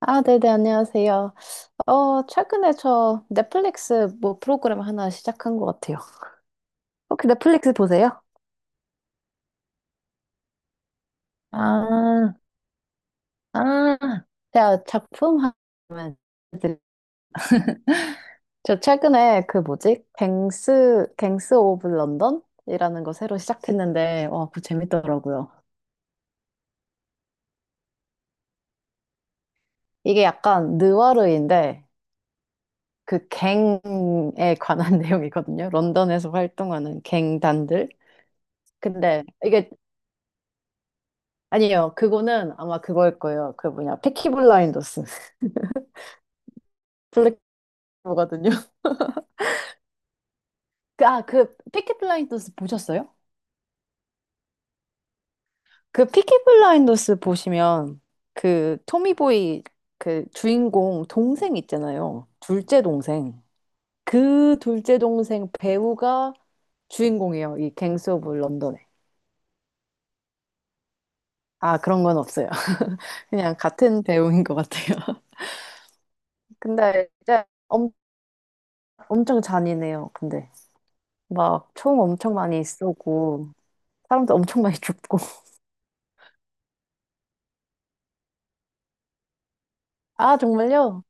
아, 네네, 안녕하세요. 최근에 저 넷플릭스 뭐 프로그램 하나 시작한 것 같아요. 혹시 넷플릭스 보세요? 아, 아, 제가 작품 하면 저 최근에 그 뭐지? 갱스 오브 런던이라는 거 새로 시작했는데, 와, 그거 재밌더라고요. 이게 약간 느와르인데, 그 갱에 관한 내용이거든요. 런던에서 활동하는 갱단들. 근데 이게 아니요, 그거는 아마 그거일 거예요. 그 뭐냐, 피키 블라인더스. 블랙버거든요. 그, 아, 그 피키 블라인더스 보셨어요? 그 피키 블라인더스 보시면 그 토미보이 그 주인공 동생 있잖아요. 둘째 동생. 그 둘째 동생 배우가 주인공이에요. 이 갱스 오브 런던에. 아, 그런 건 없어요. 그냥 같은 배우인 것 같아요. 근데 진짜 엄청 잔인해요. 근데 막 총 엄청 많이 쏘고. 사람들 엄청 많이 죽고. 아, 정말요?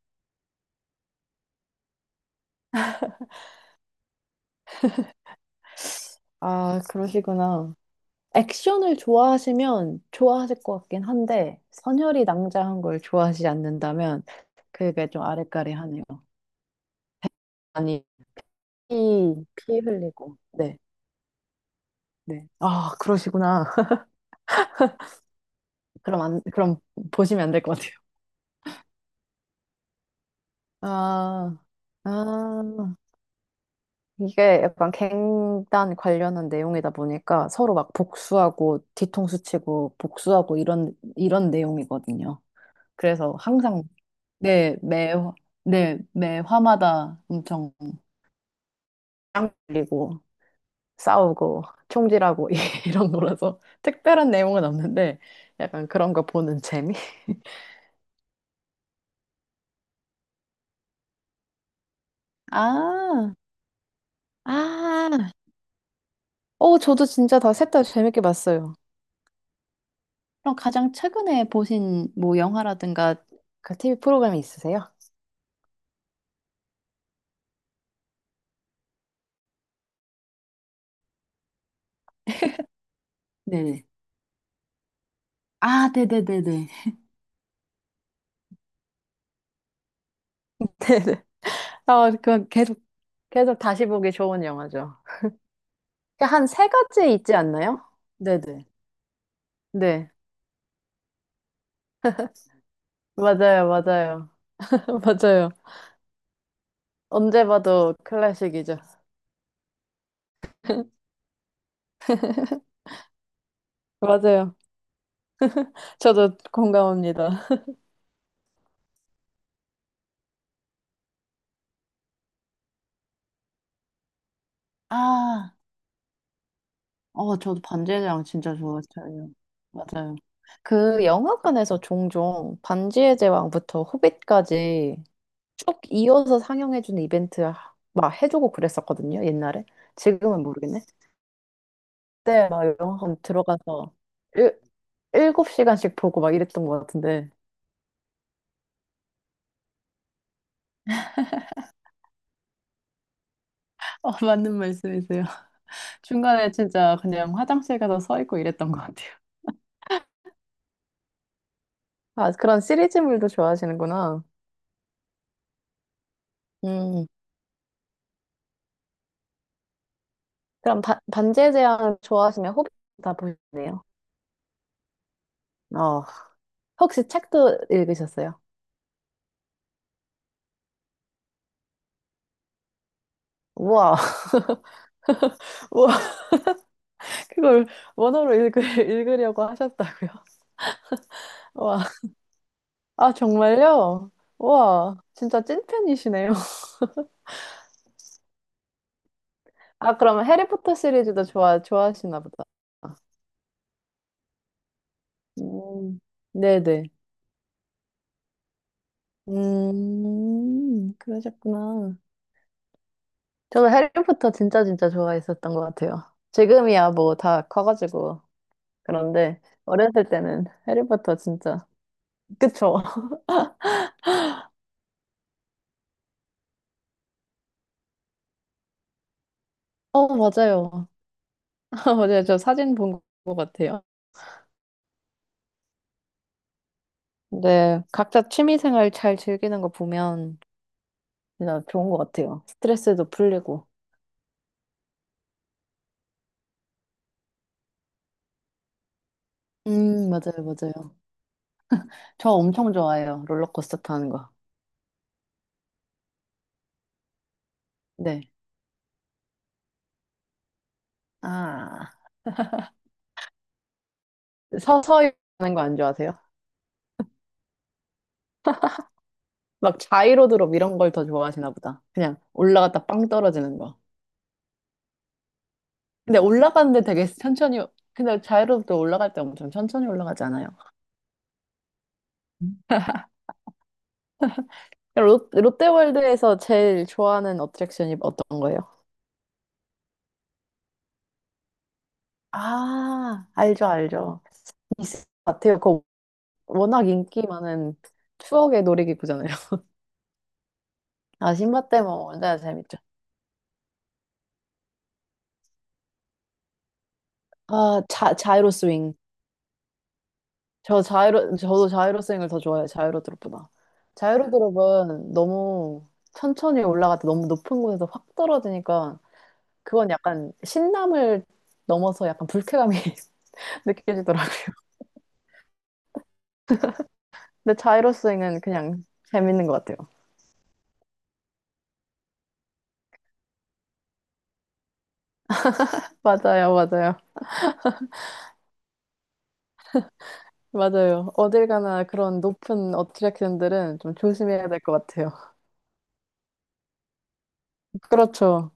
아, 그러시구나. 액션을 좋아하시면 좋아하실 것 같긴 한데, 선혈이 낭자한 걸 좋아하시지 않는다면, 그게 좀 아랫가리하네요. 아니, 피 흘리고. 네, 네. 아, 그러시구나. 그럼 보시면 안 될 것 같아요. 아, 아. 이게 약간 갱단 관련한 내용이다 보니까 서로 막 복수하고 뒤통수 치고 복수하고 이런 내용이거든요. 그래서 항상 네, 매, 네, 매 화마다 엄청 짱 걸리고 싸우고 총질하고 이런 거라서 특별한 내용은 없는데 약간 그런 거 보는 재미? 아, 아, 저도 진짜 다 셋 다 재밌게 봤어요. 그럼 가장 최근에 보신 뭐 영화라든가 그 TV 프로그램이 있으세요? 네네. 아, 네네네네. 네네. 아, 계속 다시 보기 좋은 영화죠. 한 세 가지 있지 않나요? 네네. 네. 맞아요, 맞아요. 맞아요. 언제 봐도 클래식이죠. 맞아요. 저도 공감합니다. 아, 저도 반지의 제왕 진짜 좋았어요. 맞아요. 그 영화관에서 종종 반지의 제왕부터 호빗까지 쭉 이어서 상영해주는 이벤트 막 해주고 그랬었거든요, 옛날에. 지금은 모르겠네. 그때 막 영화관 들어가서 일, 7시간씩 보고 막 이랬던 것 같은데. 맞는 말씀이세요. 중간에 진짜 그냥 화장실 가서 서 있고 이랬던 것 같아요. 아, 그런 시리즈물도 좋아하시는구나. 음, 그럼 반지의 제왕 좋아하시면 호빗 다 보셨네요. 어, 혹시 책도 읽으셨어요? 우와. 우와, 그걸 원어로 읽으려고 하셨다고요? 우와, 아, 정말요? 우와, 진짜 찐팬이시네요. 아, 그러면 해리포터 시리즈도 좋아하시나 보다. 음, 네네. 그러셨구나. 저도 해리포터 진짜 진짜 좋아했었던 것 같아요. 지금이야 뭐 다 커가지고. 그런데 어렸을 때는 해리포터 진짜. 그쵸? 맞아요. 맞아요. 저 사진 본 것 같아요. 근데 각자 취미 생활 잘 즐기는 거 보면 진짜 좋은 것 같아요. 스트레스도 풀리고. 맞아요, 맞아요. 저 엄청 좋아해요. 롤러코스터 타는 거. 네. 아, 서서히 하는 거 안 좋아하세요? 막 자이로드롭 이런 걸 더 좋아하시나 보다. 그냥 올라갔다 빵 떨어지는 거. 근데 올라가는데 되게 천천히, 근데 자유롭게 올라갈 때 엄청 천천히 올라가지 않아요? 음. 롯, 롯데월드에서 제일 좋아하는 어트랙션이 어떤 거예요? 아, 알죠, 알죠. 있을 것 같아요. 그거 워낙 인기 많은 추억의 놀이기구잖아요. 아, 신밧데모 완전 재밌죠. 아, 자이로 스윙. 저도 자이로 스윙을 더 좋아해요. 자이로 드롭보다. 자이로 드롭은 너무 천천히 올라갈 때 너무 높은 곳에서 확 떨어지니까 그건 약간 신남을 넘어서 약간 불쾌감이 느껴지더라고요. 근데 자이로스윙은 그냥 재밌는 것 같아요. 맞아요, 맞아요. 맞아요. 어딜 가나 그런 높은 어트랙션들은 좀 조심해야 될 것 같아요. 그렇죠.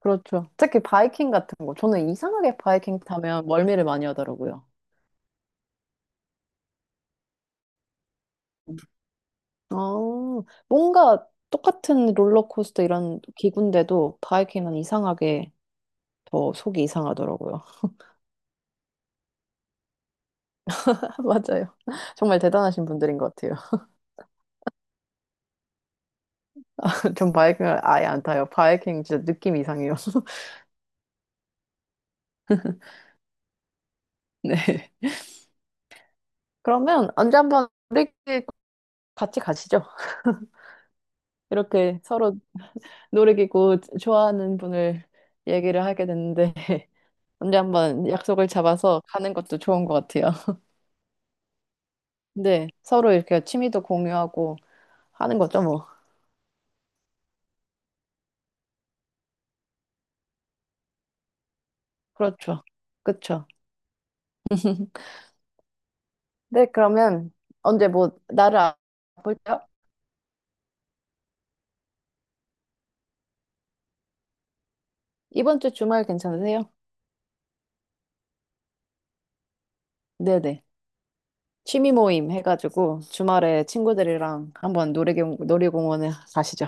그렇죠. 특히 바이킹 같은 거. 저는 이상하게 바이킹 타면 멀미를 많이 하더라고요. 뭔가 똑같은 롤러코스터 이런 기구인데도 바이킹은 이상하게 더 속이 이상하더라고요. 맞아요. 정말 대단하신 분들인 것 같아요. 전 바이킹을 아예 안 타요. 바이킹 진짜 느낌 이상해요. 네. 그러면 언제 한번 놀이기구 같이 가시죠. 이렇게 서로 놀이기구 좋아하는 분을 얘기를 하게 됐는데 언제 한번 약속을 잡아서 가는 것도 좋은 것 같아요. 네. 서로 이렇게 취미도 공유하고 하는 거죠, 뭐. 그렇죠. 그렇죠. 네, 그러면 언제 뭐 나를 볼까요? 이번 주 주말 괜찮으세요? 네네. 취미 모임 해가지고 주말에 친구들이랑 한번 놀이공, 놀이공원에 가시죠.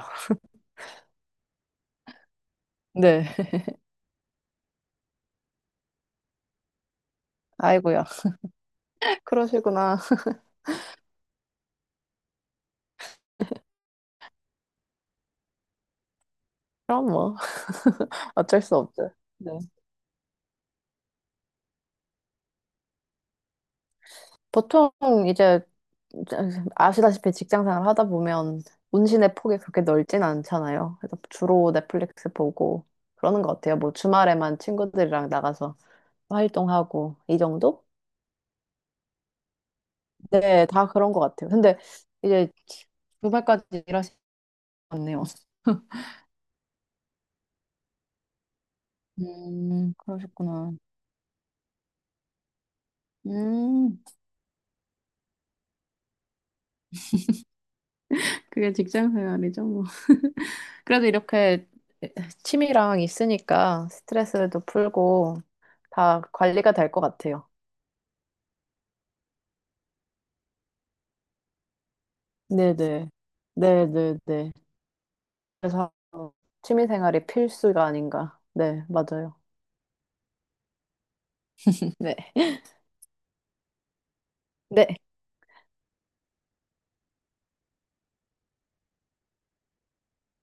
네. 아이고야. 그러시구나. 그럼 뭐 어쩔 수 없죠. 네. 보통 이제 아시다시피 직장생활 하다 보면 운신의 폭이 그렇게 넓진 않잖아요. 그래서 주로 넷플릭스 보고 그러는 것 같아요. 뭐 주말에만 친구들이랑 나가서 활동하고 이 정도? 네, 다 그런 것 같아요. 근데 이제 주말까지 일하시네요. 그러셨구나. 음, 그게 직장 생활이죠, 뭐. 그래도 이렇게 취미랑 있으니까 스트레스도 풀고 다 관리가 될 것 같아요. 네네. 네네네. 그래서 취미 생활이 필수가 아닌가. 네, 맞아요. 네. 네.